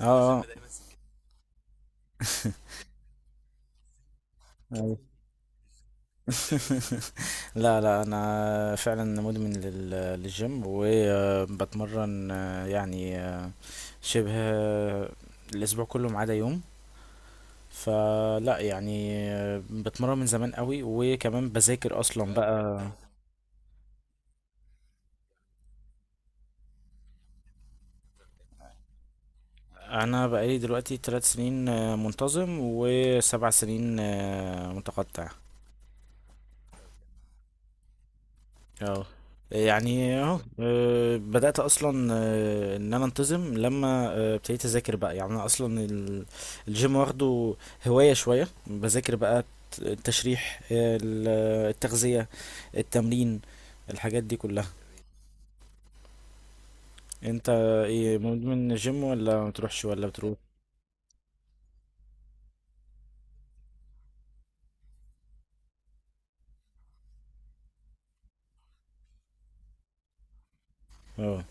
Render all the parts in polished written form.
اه الفيلم. آه، ده أيوة. لا لا، انا فعلا مدمن للجيم وبتمرن يعني شبه الاسبوع كله ما عدا يوم. فلا يعني بتمرن من زمان قوي، وكمان بذاكر اصلا بقى. انا بقالي دلوقتي 3 سنين منتظم، وسبع سنين متقطع. اه، يعني اهو بدأت أصلا إن أنا أنتظم لما ابتديت أذاكر بقى. يعني أنا أصلا الجيم واخده هواية، شوية بذاكر بقى التشريح، التغذية، التمرين، الحاجات دي كلها. أنت إيه؟ مدمن الجيم ولا ما بتروحش ولا بتروح؟ اه،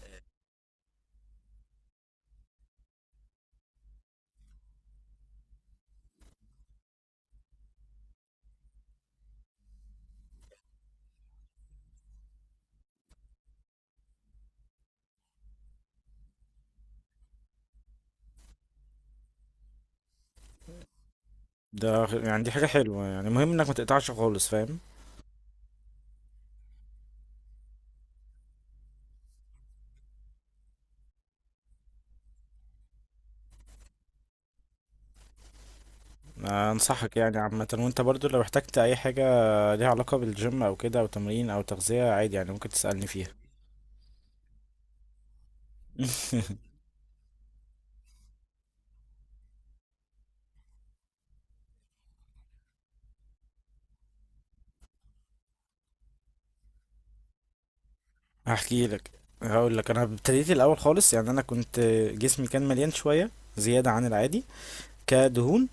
يعني دي حاجة حلوة، يعني مهم إنك ما تقطعش خالص، فاهم؟ أنصحك يعني عامة، وأنت برضو لو احتجت أي حاجة ليها علاقة بالجيم او كده، او تمرين او تغذية، عادي يعني ممكن تسألني فيها. هحكي لك، هقول لك. انا ابتديت الاول خالص. يعني انا كنت جسمي كان مليان شوية، زيادة عن العادي، كدهون.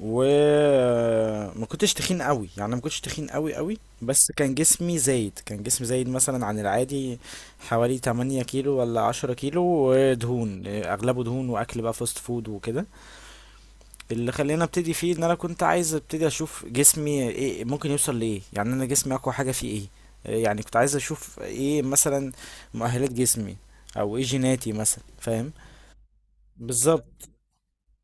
وما كنتش تخين قوي يعني، ما كنتش تخين قوي قوي، بس كان جسمي زايد، كان جسمي زايد مثلا عن العادي حوالي 8 كيلو ولا 10 كيلو، ودهون اغلبه دهون، واكل بقى فاست فود وكده. اللي خلاني ابتدي فيه، ان انا كنت عايز ابتدي اشوف جسمي ايه ممكن يوصل لايه. يعني انا جسمي اقوى حاجه فيه ايه؟ يعني كنت عايز اشوف ايه مثلا مؤهلات جسمي، او ايه جيناتي مثلا، فاهم؟ بالظبط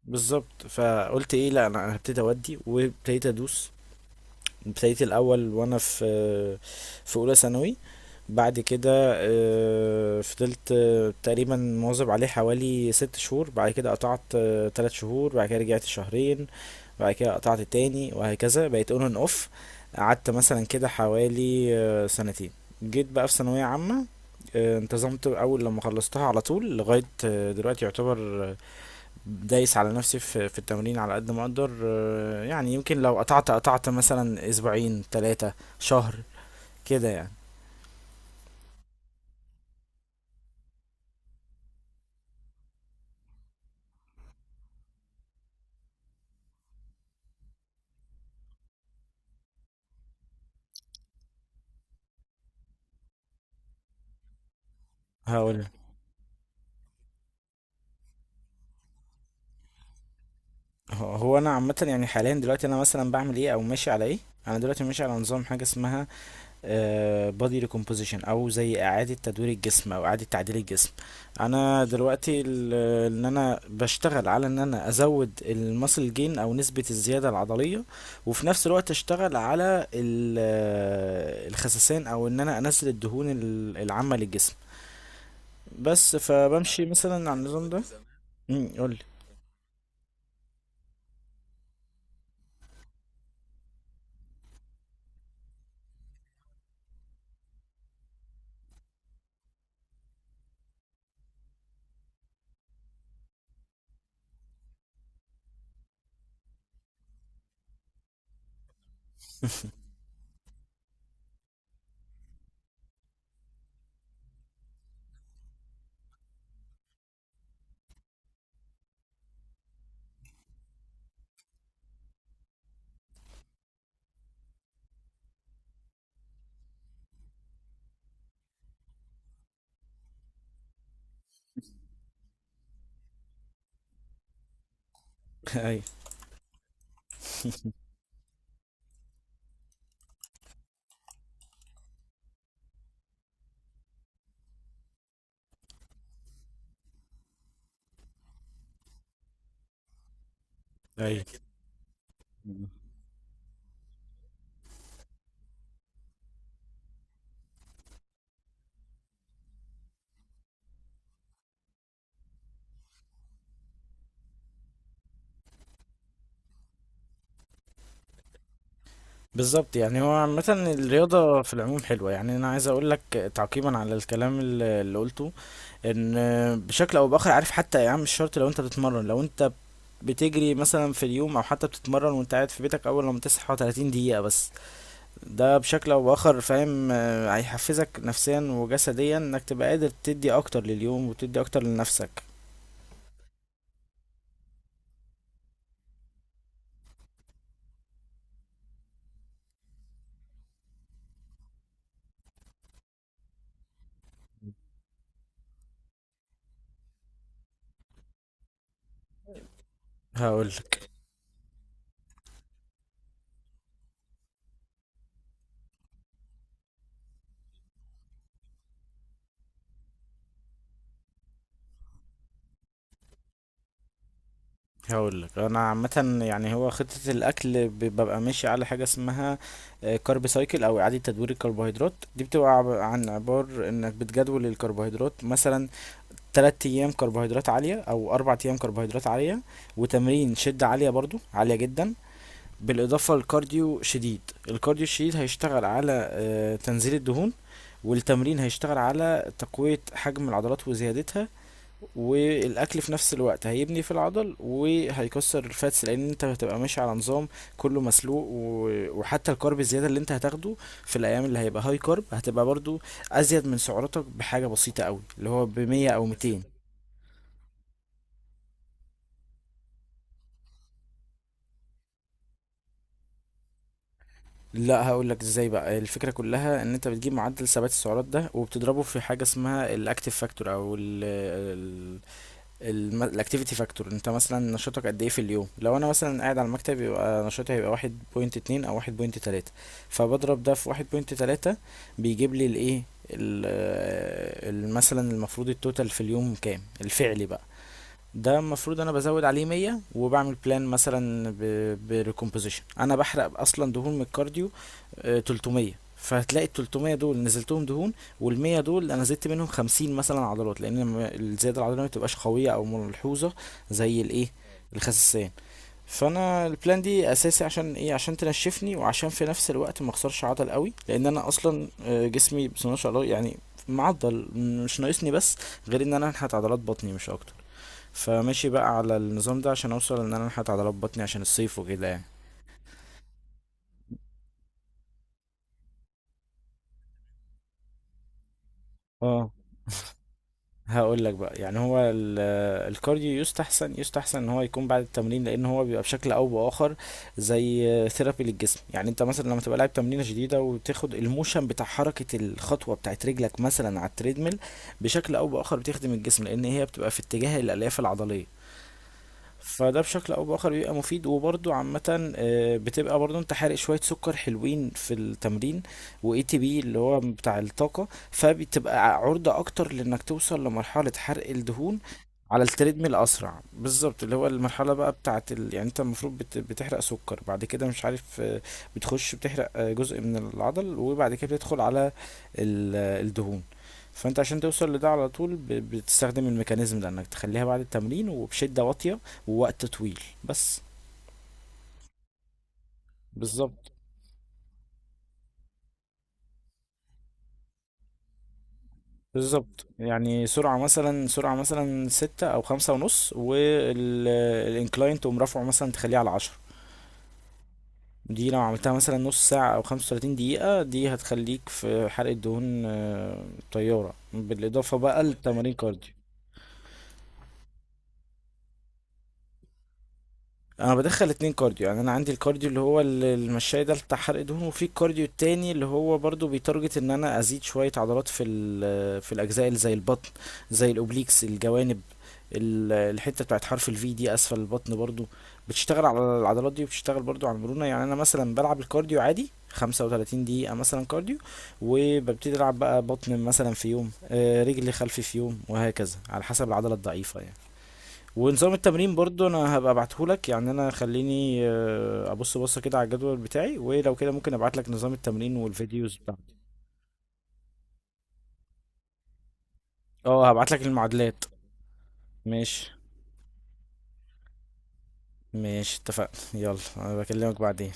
بالظبط. فقلت ايه، لا، أنا هبتدي اودي، وابتديت ادوس. ابتديت الاول وانا في اولى ثانوي. بعد كده فضلت تقريبا مواظب عليه حوالي 6 شهور. بعد كده قطعت 3 شهور. بعد كده رجعت شهرين. بعد كده قطعت تاني وهكذا، بقيت اون اند اوف. قعدت مثلا كده حوالي سنتين. جيت بقى في ثانوية عامة، انتظمت أول لما خلصتها على طول لغاية دلوقتي يعتبر. آه، دايس على نفسي في التمرين على قد ما أقدر. يعني يمكن لو قطعت قطعت مثلا أسبوعين، 3 شهر كده يعني. هقول هو انا عامه، يعني حاليا دلوقتي انا مثلا بعمل ايه او ماشي على ايه. انا دلوقتي ماشي على نظام، حاجه اسمها بودي ريكومبوزيشن، او زي اعاده تدوير الجسم، او اعاده تعديل الجسم. انا دلوقتي ان انا بشتغل على ان انا ازود المسل جين، او نسبه الزياده العضليه. وفي نفس الوقت اشتغل على الخسسان، او ان انا انزل الدهون العامه للجسم. بس فبمشي مثلا على النظام ده. قول لي. ايوه، ايوه، بالظبط. يعني هو عامة الرياضة في العموم حلوة. يعني أنا عايز أقول لك، تعقيبا على الكلام اللي قلته، إن بشكل أو بآخر، عارف حتى يا عم؟ مش شرط. لو أنت بتتمرن، لو أنت بتجري مثلا في اليوم، أو حتى بتتمرن وأنت قاعد في بيتك أول لما تصحى 30 دقيقة بس، ده بشكل أو بآخر فاهم هيحفزك نفسيا وجسديا، إنك تبقى قادر تدي أكتر لليوم وتدي أكتر لنفسك. هقولك هقول لك. انا عامه يعني، هو خطه الاكل ببقى ماشي على حاجه اسمها كارب سايكل، او اعاده تدوير الكربوهيدرات. دي بتبقى عن عبار انك بتجدول الكربوهيدرات، مثلا 3 ايام كربوهيدرات عاليه، او 4 ايام كربوهيدرات عاليه، وتمرين شده عاليه، برضو عاليه جدا، بالاضافه لكارديو شديد. الكارديو الشديد هيشتغل على تنزيل الدهون، والتمرين هيشتغل على تقويه حجم العضلات وزيادتها، والاكل في نفس الوقت هيبني في العضل وهيكسر الفاتس، لان انت هتبقى ماشي على نظام كله مسلوق. وحتى الكارب الزياده اللي انت هتاخده في الايام اللي هيبقى هاي كارب، هتبقى برضو ازيد من سعراتك بحاجه بسيطه قوي، اللي هو ب 100 او 200. لا، هقول لك ازاي. بقى الفكره كلها ان انت بتجيب معدل ثبات السعرات ده، وبتضربه في حاجه اسمها الاكتيف فاكتور، او الاكتيفيتي فاكتور. انت مثلا نشاطك قد ايه في اليوم؟ لو انا مثلا قاعد على المكتب، يبقى نشاطي هيبقى 1.2 او 1.3. فبضرب ده في 1.3، بيجيب لي الايه، مثلا المفروض التوتال في اليوم كام الفعلي بقى. ده المفروض انا بزود عليه 100، وبعمل بلان مثلا بريكومبوزيشن. انا بحرق اصلا دهون من الكارديو 300. فهتلاقي ال 300 دول نزلتهم دهون، وال 100 دول انا زدت منهم 50 مثلا عضلات، لان الزياده العضليه ما بتبقاش قويه او ملحوظه زي الايه، الخسسان. فانا البلان دي اساسي عشان ايه؟ عشان تنشفني، وعشان في نفس الوقت ما اخسرش عضل قوي، لان انا اصلا جسمي بسم الله ما شاء الله يعني، معضل مش ناقصني، بس غير ان انا انحت عضلات بطني مش اكتر. فماشي بقى على النظام ده عشان اوصل ان انا انحت عضلات بطني عشان الصيف وكده يعني. اه، هقول لك بقى، يعني هو الكارديو يستحسن يستحسن ان هو يكون بعد التمرين، لان هو بيبقى بشكل او باخر زي ثيرابي للجسم. يعني انت مثلا لما تبقى لاعب تمرينه شديده، وتاخد الموشن بتاع حركه الخطوه بتاعت رجلك مثلا على التريدميل، بشكل او باخر بتخدم الجسم، لان هي بتبقى في اتجاه الالياف العضليه. فده بشكل او باخر بيبقى مفيد. وبرده عامه بتبقى برده انت حارق شويه سكر حلوين في التمرين، واي تي بي اللي هو بتاع الطاقه، فبتبقى عرضه اكتر لانك توصل لمرحله حرق الدهون على التريدميل اسرع. بالظبط، اللي هو المرحله بقى بتاعه يعني انت المفروض بتحرق سكر بعد كده، مش عارف، بتخش بتحرق جزء من العضل، وبعد كده بتدخل على ال... آه، الدهون. فانت عشان توصل لده على طول، بتستخدم الميكانيزم ده، انك تخليها بعد التمرين وبشده واطيه ووقت طويل بس. بالظبط بالظبط، يعني سرعة مثلا، سرعة مثلا ستة أو 5.5، والإنكلاين تقوم رافعه مثلا تخليه على 10. دي لو عملتها مثلا نص ساعة أو 35 دقيقة، دي هتخليك في حرقة دهون طيارة، بالإضافة بقى لتمارين كارديو. انا بدخل اتنين كارديو. يعني انا عندي الكارديو اللي هو المشاية ده، بتاع حرق دهون، وفي الكارديو التاني اللي هو برضو بيتارجت ان انا ازيد شوية عضلات في الاجزاء اللي زي البطن، زي الاوبليكس الجوانب، الحتة بتاعت حرف الفي دي اسفل البطن، برضو بتشتغل على العضلات دي، وبتشتغل برضو على المرونة. يعني انا مثلا بلعب الكارديو عادي 35 دقيقة مثلا كارديو، وببتدي العب بقى بطن مثلا في يوم، رجل خلفي في يوم، وهكذا على حسب العضلة الضعيفة يعني. ونظام التمرين برضو انا هبقى ابعتهولك، يعني انا خليني ابص بصه كده على الجدول بتاعي، ولو كده ممكن ابعتلك نظام التمرين والفيديوز بتاعتي. اه، هبعتلك المعادلات. ماشي، ماشي اتفقنا، يلا انا بكلمك بعدين.